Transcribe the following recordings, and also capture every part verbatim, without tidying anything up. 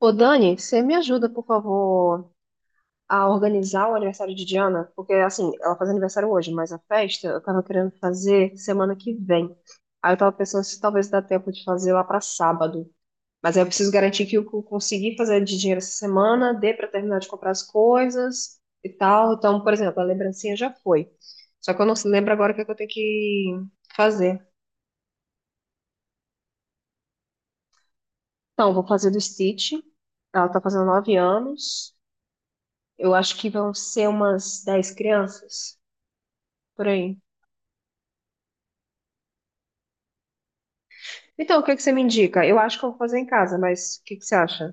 Ô, Dani, você me ajuda, por favor, a organizar o aniversário de Diana? Porque, assim, ela faz aniversário hoje, mas a festa eu tava querendo fazer semana que vem. Aí eu tava pensando se talvez dá tempo de fazer lá pra sábado. Mas aí eu preciso garantir que eu co- consegui fazer de dinheiro essa semana, dê pra terminar de comprar as coisas e tal. Então, por exemplo, a lembrancinha já foi. Só que eu não lembro agora o que é que eu tenho que fazer. Então, eu vou fazer do Stitch. Ela tá fazendo nove anos. Eu acho que vão ser umas dez crianças por aí. Então, o que que você me indica? Eu acho que eu vou fazer em casa, mas o que que você acha?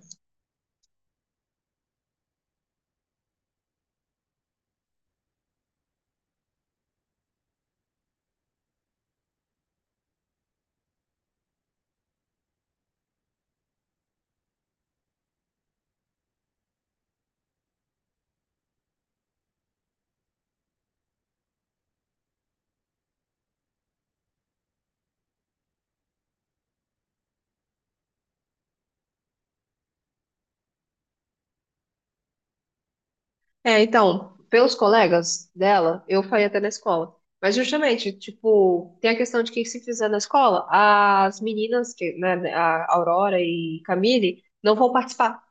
É, então, pelos colegas dela, eu faria até na escola. Mas justamente, tipo, tem a questão de que, se fizer na escola, as meninas, que, né, a Aurora e Camille, não vão participar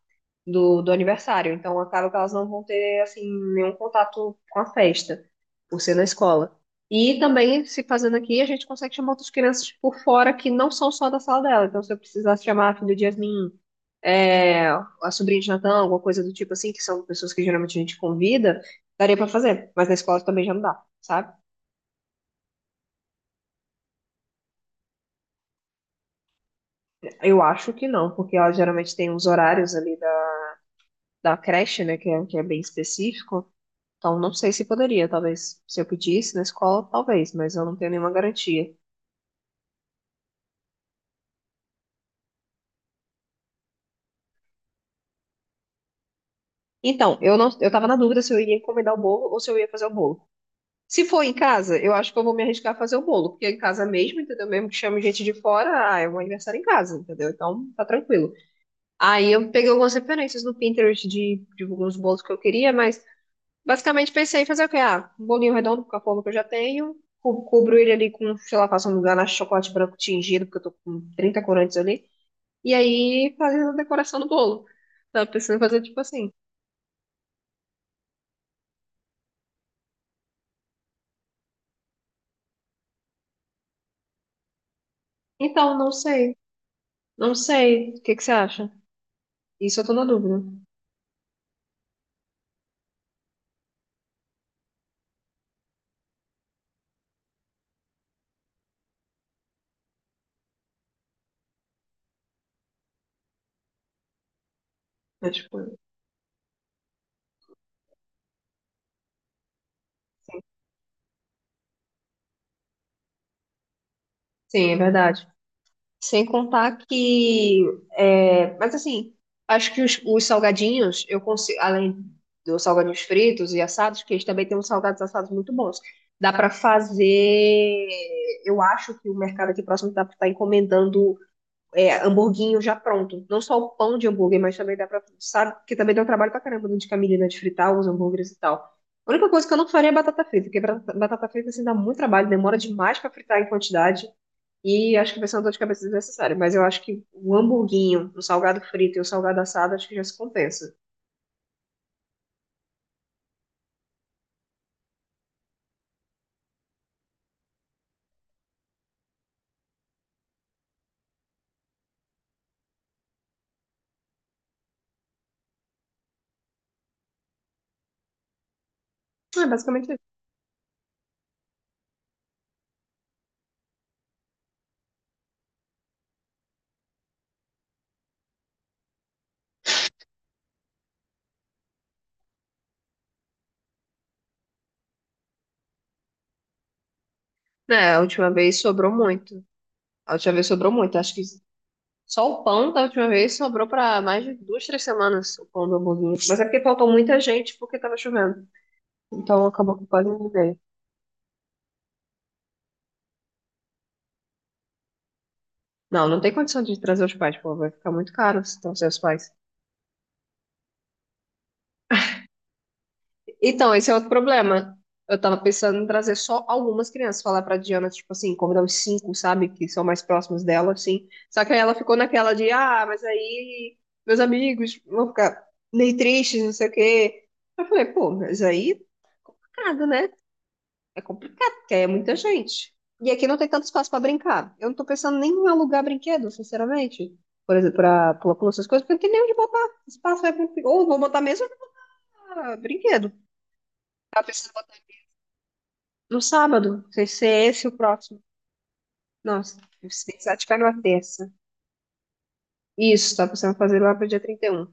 do, do aniversário. Então acaba que elas não vão ter assim nenhum contato com a festa, por ser na escola. E também, se fazendo aqui, a gente consegue chamar outras crianças por fora que não são só da sala dela. Então, se eu precisasse chamar a filha de Yasmin, é, a sobrinha de Natan, alguma coisa do tipo assim, que são pessoas que geralmente a gente convida, daria pra fazer. Mas na escola também já não dá, sabe? Eu acho que não, porque ela geralmente tem uns horários ali da, da creche, né, que é, que é bem específico. Então, não sei se poderia, talvez, se eu pedisse na escola, talvez, mas eu não tenho nenhuma garantia. Então, eu não, eu tava na dúvida se eu ia encomendar o bolo ou se eu ia fazer o bolo. Se for em casa, eu acho que eu vou me arriscar a fazer o bolo, porque é em casa mesmo, entendeu? Mesmo que chame gente de fora, ah, é um aniversário em casa, entendeu? Então, tá tranquilo. Aí eu peguei algumas referências no Pinterest de, de alguns bolos que eu queria, mas basicamente pensei em fazer o quê? Ah, um bolinho redondo com a forma que eu já tenho, cu- cubro ele ali com, sei lá, faço um ganache de chocolate branco tingido, porque eu tô com trinta corantes ali. E aí fazer a decoração do bolo. Tava pensando em fazer tipo assim. Então, não sei. Não sei. O que que você acha? Isso eu tô na dúvida. Mas, tipo, sim. Sim, é verdade. Sem contar que. É, mas assim, acho que os, os salgadinhos, eu consigo, além dos salgadinhos fritos e assados, que eles também têm uns salgados assados muito bons. Dá pra fazer. Eu acho que o mercado aqui próximo dá pra estar encomendando, é, hamburguinho já pronto. Não só o pão de hambúrguer, mas também dá pra. Sabe? Porque também deu trabalho pra caramba, né, de camelina de fritar os hambúrgueres e tal. A única coisa que eu não faria é batata frita, porque batata batata frita assim dá muito trabalho, demora demais pra fritar em quantidade. E acho que vai ser uma dor de cabeça desnecessária. Mas eu acho que o hamburguinho, o salgado frito e o salgado assado, acho que já se compensa. É basicamente isso. É, a última vez sobrou muito. A última vez sobrou muito. Acho que só o pão da última vez sobrou pra mais de duas, três semanas, o pão do hamburguinho. Mas é porque faltou muita gente porque tava chovendo. Então acabou que quase não veio. Não, não tem condição de trazer os pais, pô, vai ficar muito caro se trazer os pais. Então, esse é outro problema. Eu tava pensando em trazer só algumas crianças, falar pra Diana, tipo assim, convidar os cinco, sabe, que são mais próximos dela, assim. Só que aí ela ficou naquela de, ah, mas aí meus amigos vão ficar meio tristes, não sei o quê. Eu falei, pô, mas aí, é complicado, né? É complicado, porque aí é muita gente. E aqui não tem tanto espaço para brincar. Eu não tô pensando nem em alugar brinquedo, sinceramente. Por exemplo, para pula-pula, essas coisas, porque não tem nem onde botar. Espaço é complicado. Ou vou botar mesmo ou vou botar brinquedo. Tá pensando botar no sábado. Não sei se é esse o próximo. Nossa, se pensar, tiver numa terça. Isso, tá pensando em fazer lá pro dia trinta e um.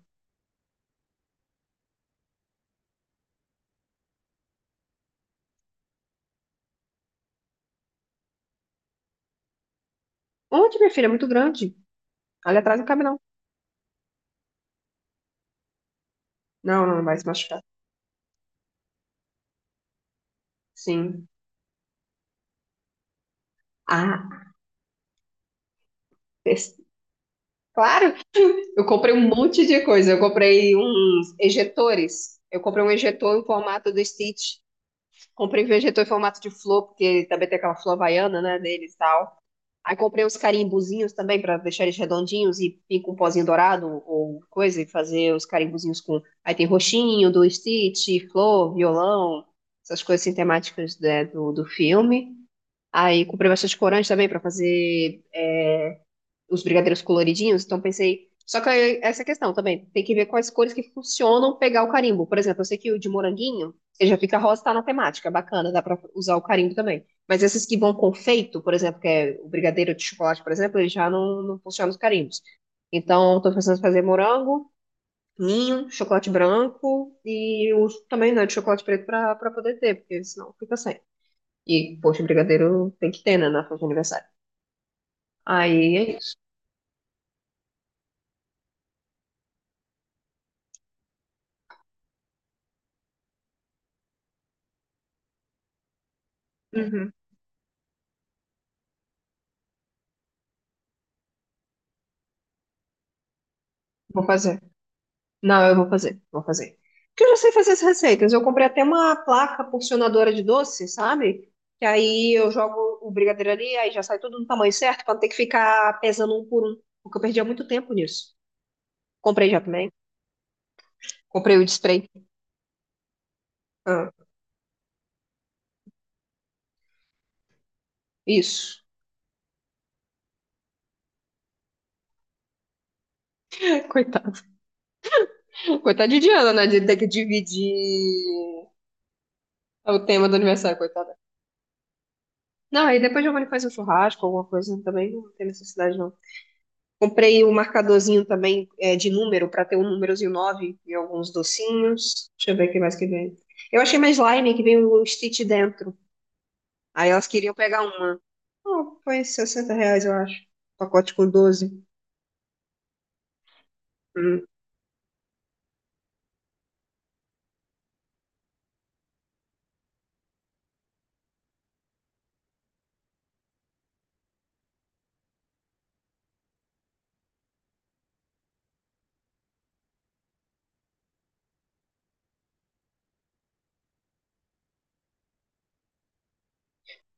Onde, minha filha? É muito grande. Ali atrás não cabe, não. Não, não, vai se machucar. Sim. Ah, esse- Claro. Eu comprei um monte de coisa. Eu comprei uns ejetores. Eu comprei um ejetor em formato do Stitch. Comprei um ejetor em formato de flor, porque também tem aquela flor havaiana, né, deles e tal. Aí comprei uns carimbuzinhos também para deixar eles redondinhos e vir com um pozinho dourado ou coisa e fazer os carimbuzinhos com. Aí tem roxinho do Stitch, flor, violão, essas coisas assim, temáticas, né, do, do filme. Aí comprei bastante corante também para fazer os brigadeiros coloridinhos, então pensei. Só que aí, essa questão também, tem que ver quais cores que funcionam pegar o carimbo. Por exemplo, eu sei que o de moranguinho, ele já fica rosa, tá na temática, bacana, dá pra usar o carimbo também. Mas esses que vão com feito, por exemplo, que é o brigadeiro de chocolate, por exemplo, ele já não, não funciona os carimbos. Então, tô pensando em fazer morango, ninho, chocolate branco e o também, né, de chocolate preto pra, pra poder ter, porque senão fica sem. E, poxa, brigadeiro tem que ter, né, na festa de aniversário. Aí é isso. Uhum. Vou fazer. Não, eu vou fazer, vou fazer. Porque eu já sei fazer as receitas. Eu comprei até uma placa porcionadora de doce, sabe? Que aí eu jogo o brigadeiro ali, aí já sai tudo no tamanho certo, pra não ter que ficar pesando um por um. Porque eu perdia muito tempo nisso. Comprei já também. Comprei o de spray. Ah, isso. Coitada. Coitada de Diana, né? De ter que dividir o tema do aniversário, coitada. Não, aí depois Giovanni faz um churrasco, alguma coisa também. Não tem necessidade, não. Comprei o marcadorzinho também, é, de número, para ter o númerozinho nove e alguns docinhos. Deixa eu ver o que mais que vem. Eu achei mais slime que vem o Stitch dentro. Aí elas queriam pegar uma. Ah, foi sessenta reais, eu acho. Pacote com doze. Hum.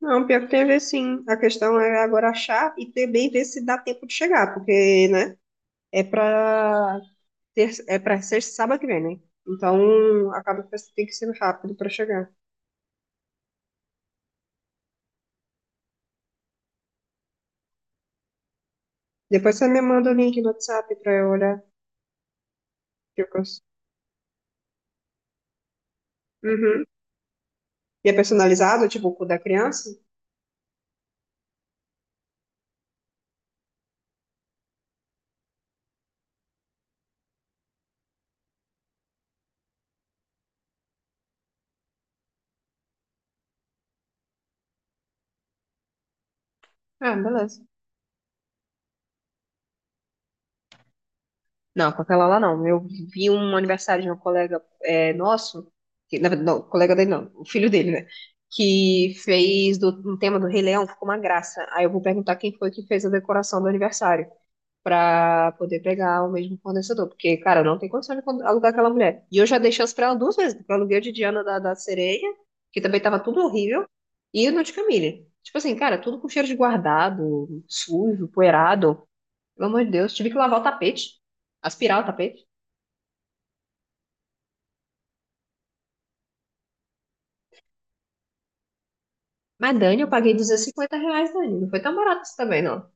Não, pior que tem a ver sim. A questão é agora achar e também ver se dá tempo de chegar, porque, né, é pra ter, é pra ser sábado que vem, né? Então, acaba que tem que ser rápido pra chegar. Depois você me manda o link no WhatsApp pra eu olhar. que eu cons- Uhum. E é personalizado, tipo o cu da criança? Ah, beleza. Não, com aquela lá não. Eu vi um aniversário de um colega, é, nosso, que, na verdade, não, colega dele não, o filho dele, né? Que fez do, um tema do Rei Leão, ficou uma graça. Aí eu vou perguntar quem foi que fez a decoração do aniversário, pra poder pegar o mesmo fornecedor. Porque, cara, não tem condição de con- alugar aquela mulher. E eu já dei chance pra ela duas vezes, porque eu aluguei o de Diana da, da Sereia, que também tava tudo horrível, e o no de Camille. Tipo assim, cara, tudo com cheiro de guardado, sujo, poeirado. Pelo amor de Deus, tive que lavar o tapete, aspirar o tapete. Mas, Dani, eu paguei duzentos e cinquenta reais, Dani. Não foi tão barato isso também, não.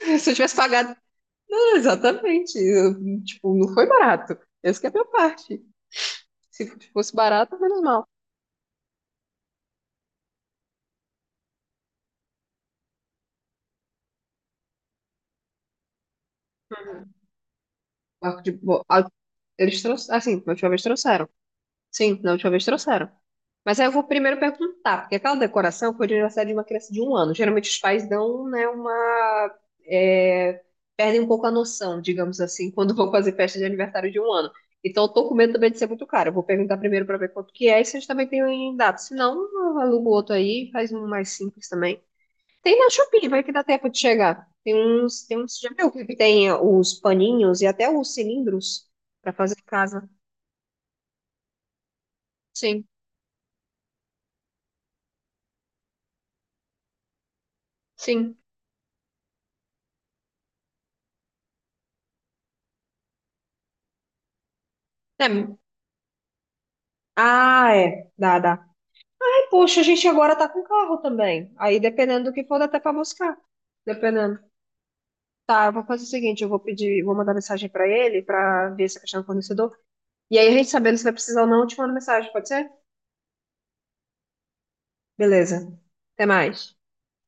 Se eu tivesse pagado. Ah, exatamente. Eu, tipo, não foi barato. Essa que é a minha parte. Se fosse barato, menos mal. O de. Bo- a- Eles trouxeram. Assim, na última vez trouxeram. Sim, na última vez trouxeram. Mas aí eu vou primeiro perguntar, porque aquela decoração foi de aniversário de uma criança de um ano. Geralmente os pais dão, né, uma. É, perdem um pouco a noção, digamos assim, quando vão fazer festa de aniversário de um ano. Então eu tô com medo também de ser muito caro. Eu vou perguntar primeiro pra ver quanto que é, e se eles também têm data. Se não, eu alugo outro aí, faz um mais simples também. Tem na Shopee, vai que dá tempo de chegar. Tem uns, tem uns, já viu que tem os paninhos e até os cilindros para fazer em casa. Sim, sim. É, ah, é, dá, dá. Ai, poxa, a gente agora tá com carro também. Aí, dependendo do que for, dá até pra buscar. Dependendo. Tá, eu vou fazer o seguinte, eu vou pedir, vou mandar mensagem pra ele pra ver se é questão do fornecedor. E aí, a gente sabendo se vai precisar ou não, eu te mando mensagem, pode ser? Beleza. Até mais.